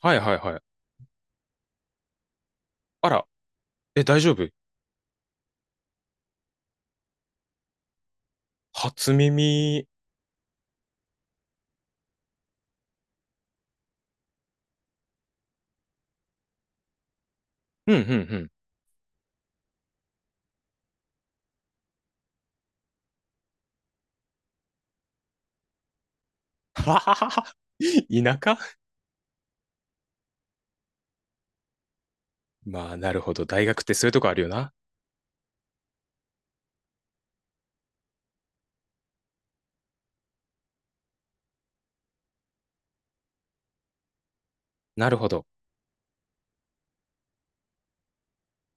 はいはいはい。あら、え、大丈夫？初耳。うんうんうん。はははは。田舎。 まあ、なるほど。大学ってそういうとこあるよな。なるほど。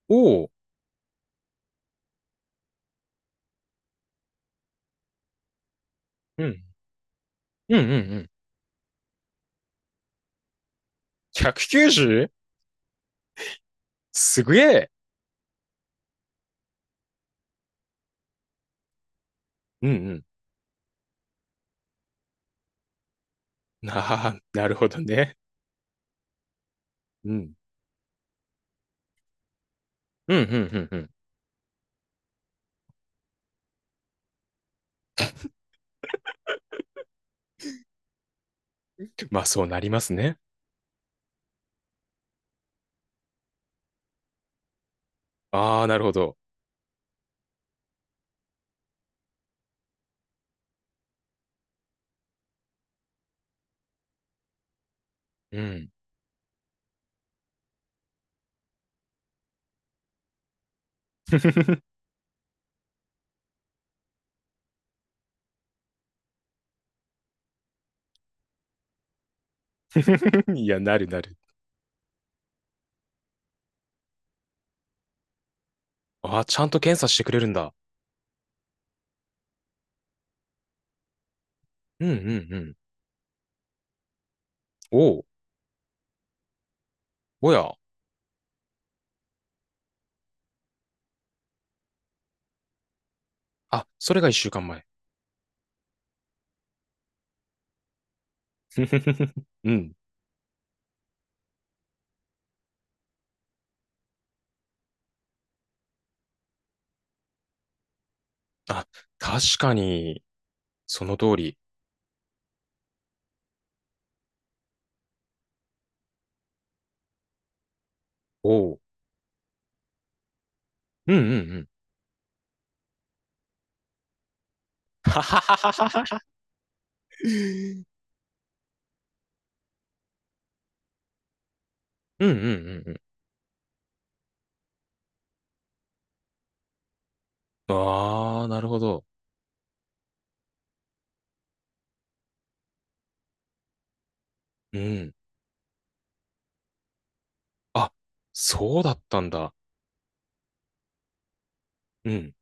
おお。うん。うんうんうん。190？ すげえ。うんうん。ああ、なるほどね。うん。うんうんうんうん。まあ、そうなりますね。ああ、なるほど。うん。いや、なるなる。ああ、ちゃんと検査してくれるんだ。うんうんうん。おお。おや。あ、それが一週間前。うん。あ、確かに、その通り。おう。うんうんうん。はははははは。うんうんうんうん。ああ、なるほど。うん。あ、そうだったんだ。うん。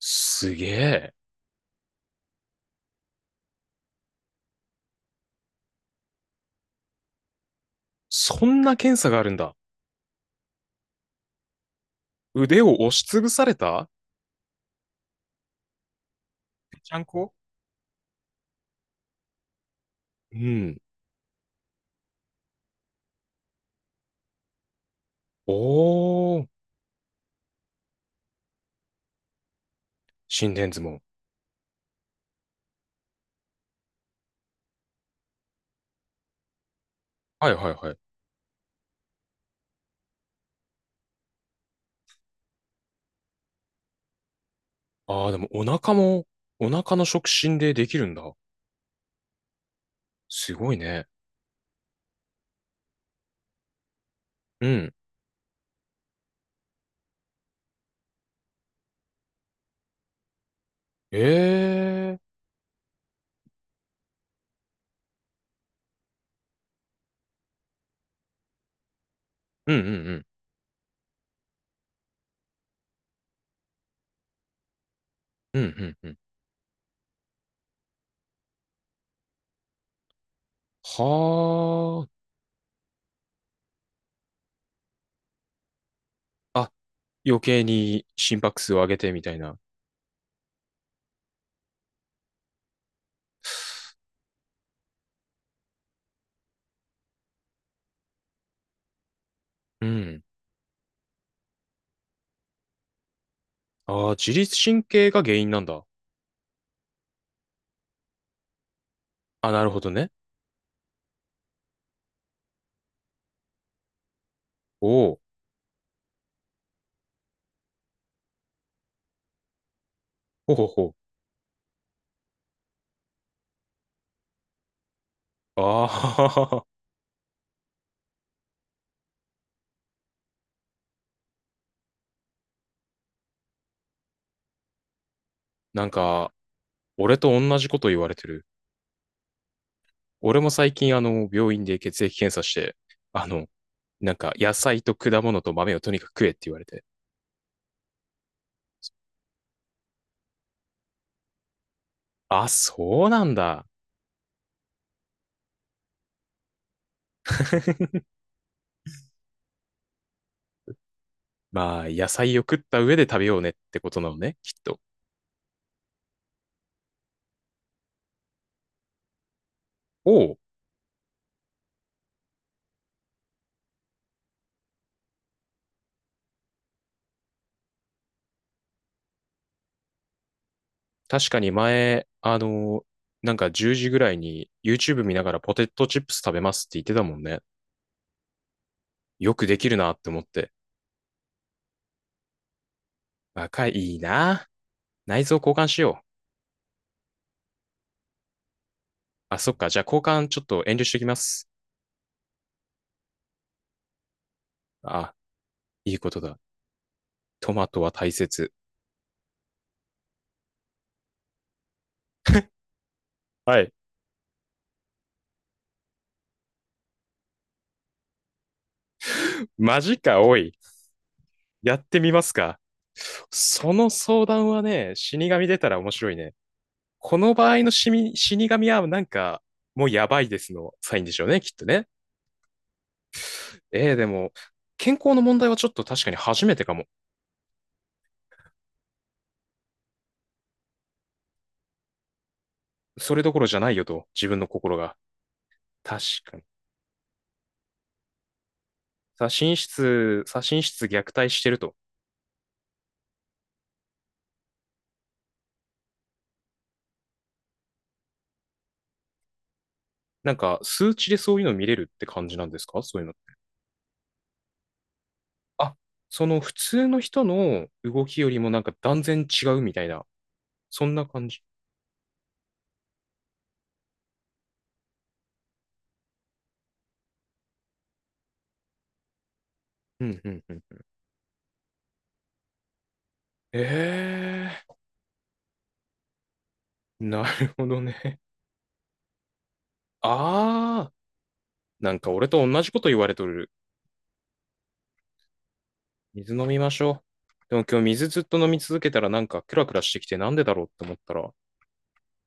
すげえ。そんな検査があるんだ。腕を押しつぶされた？ちゃんこ、うん。おー。心電図も。はいはいはい。ああ、でもお腹も、お腹の触診でできるんだ。すごいね。うん。ええ。うんうんうんうんうん。はあ。あ、余計に心拍数を上げてみたいな。うん。ああ、自律神経が原因なんだ。あ、なるほどね。おお、ほほほ。ああ、なんか、俺と同じこと言われてる。俺も最近、病院で血液検査して、あの、なんか、野菜と果物と豆をとにかく食えって言われて。あ、そうなんだ。まあ、野菜を食った上で食べようねってことなのね、きっと。おお、確かに前、なんか10時ぐらいに YouTube 見ながらポテトチップス食べますって言ってたもんね。よくできるなって思って。若い、いいな。内臓交換しよう。あ、そっか。じゃあ交換ちょっと遠慮してきます。あ、いいことだ。トマトは大切。はい。マジか、おい。やってみますか。その相談はね、死神出たら面白いね。この場合の死神はなんか、もうやばいですのサインでしょうね、きっとね。ええ、でも、健康の問題はちょっと確かに初めてかも。それどころじゃないよと、自分の心が。確かに。左心室、左心室虐待してると。なんか、数値でそういうの見れるって感じなんですか、そういうの。あ、その普通の人の動きよりもなんか断然違うみたいな、そんな感じ。うんうんうん。ええ、なるほどね。ああ、なんか俺と同じこと言われとる。水飲みましょう。でも今日水ずっと飲み続けたらなんかクラクラしてきてなんでだろうって思ったら、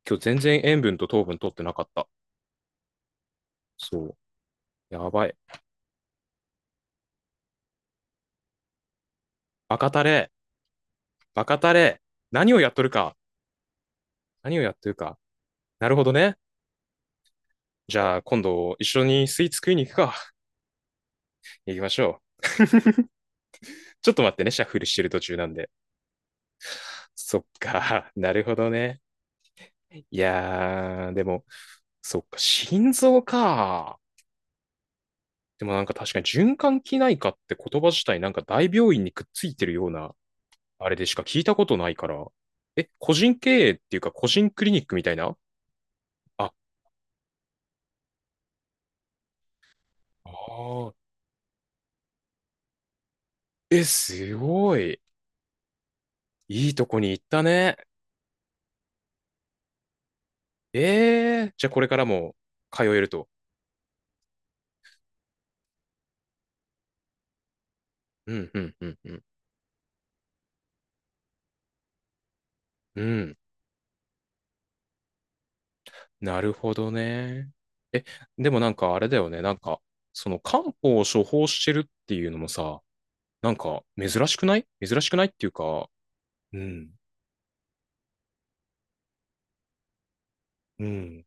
今日全然塩分と糖分取ってなかった。そう。やばい。バカタレ。バカタレ。何をやっとるか。何をやってるか。なるほどね。じゃあ今度一緒にスイーツ食いに行くか。行きましょう。ちょっと待ってね、シャッフルしてる途中なんで。そっか。なるほどね。いやー、でも、そっか、心臓か。でもなんか確かに循環器内科って言葉自体なんか大病院にくっついてるようなあれでしか聞いたことないから。え、個人経営っていうか、個人クリニックみたいな。あ、あー、え、すごい。いいとこに行ったね。えー、じゃあこれからも通えると。うん、うん、うん、うん。うん、なるほどね。え、でもなんかあれだよね。なんか、その漢方を処方してるっていうのもさ、なんか珍しくないっていうか、うん、うん。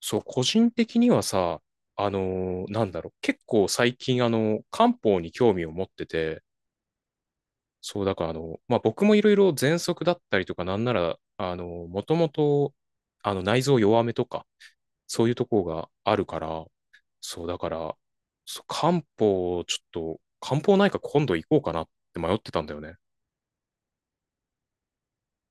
そう、個人的にはさ、あのなんだろう、結構最近、漢方に興味を持ってて、そう、だから、まあ、僕もいろいろ喘息だったりとか、なんなら、もともと、内臓弱めとか、そういうとこがあるから、そう、だから、そう漢方、ちょっと、漢方内科今度行こうかなって迷ってたんだよね。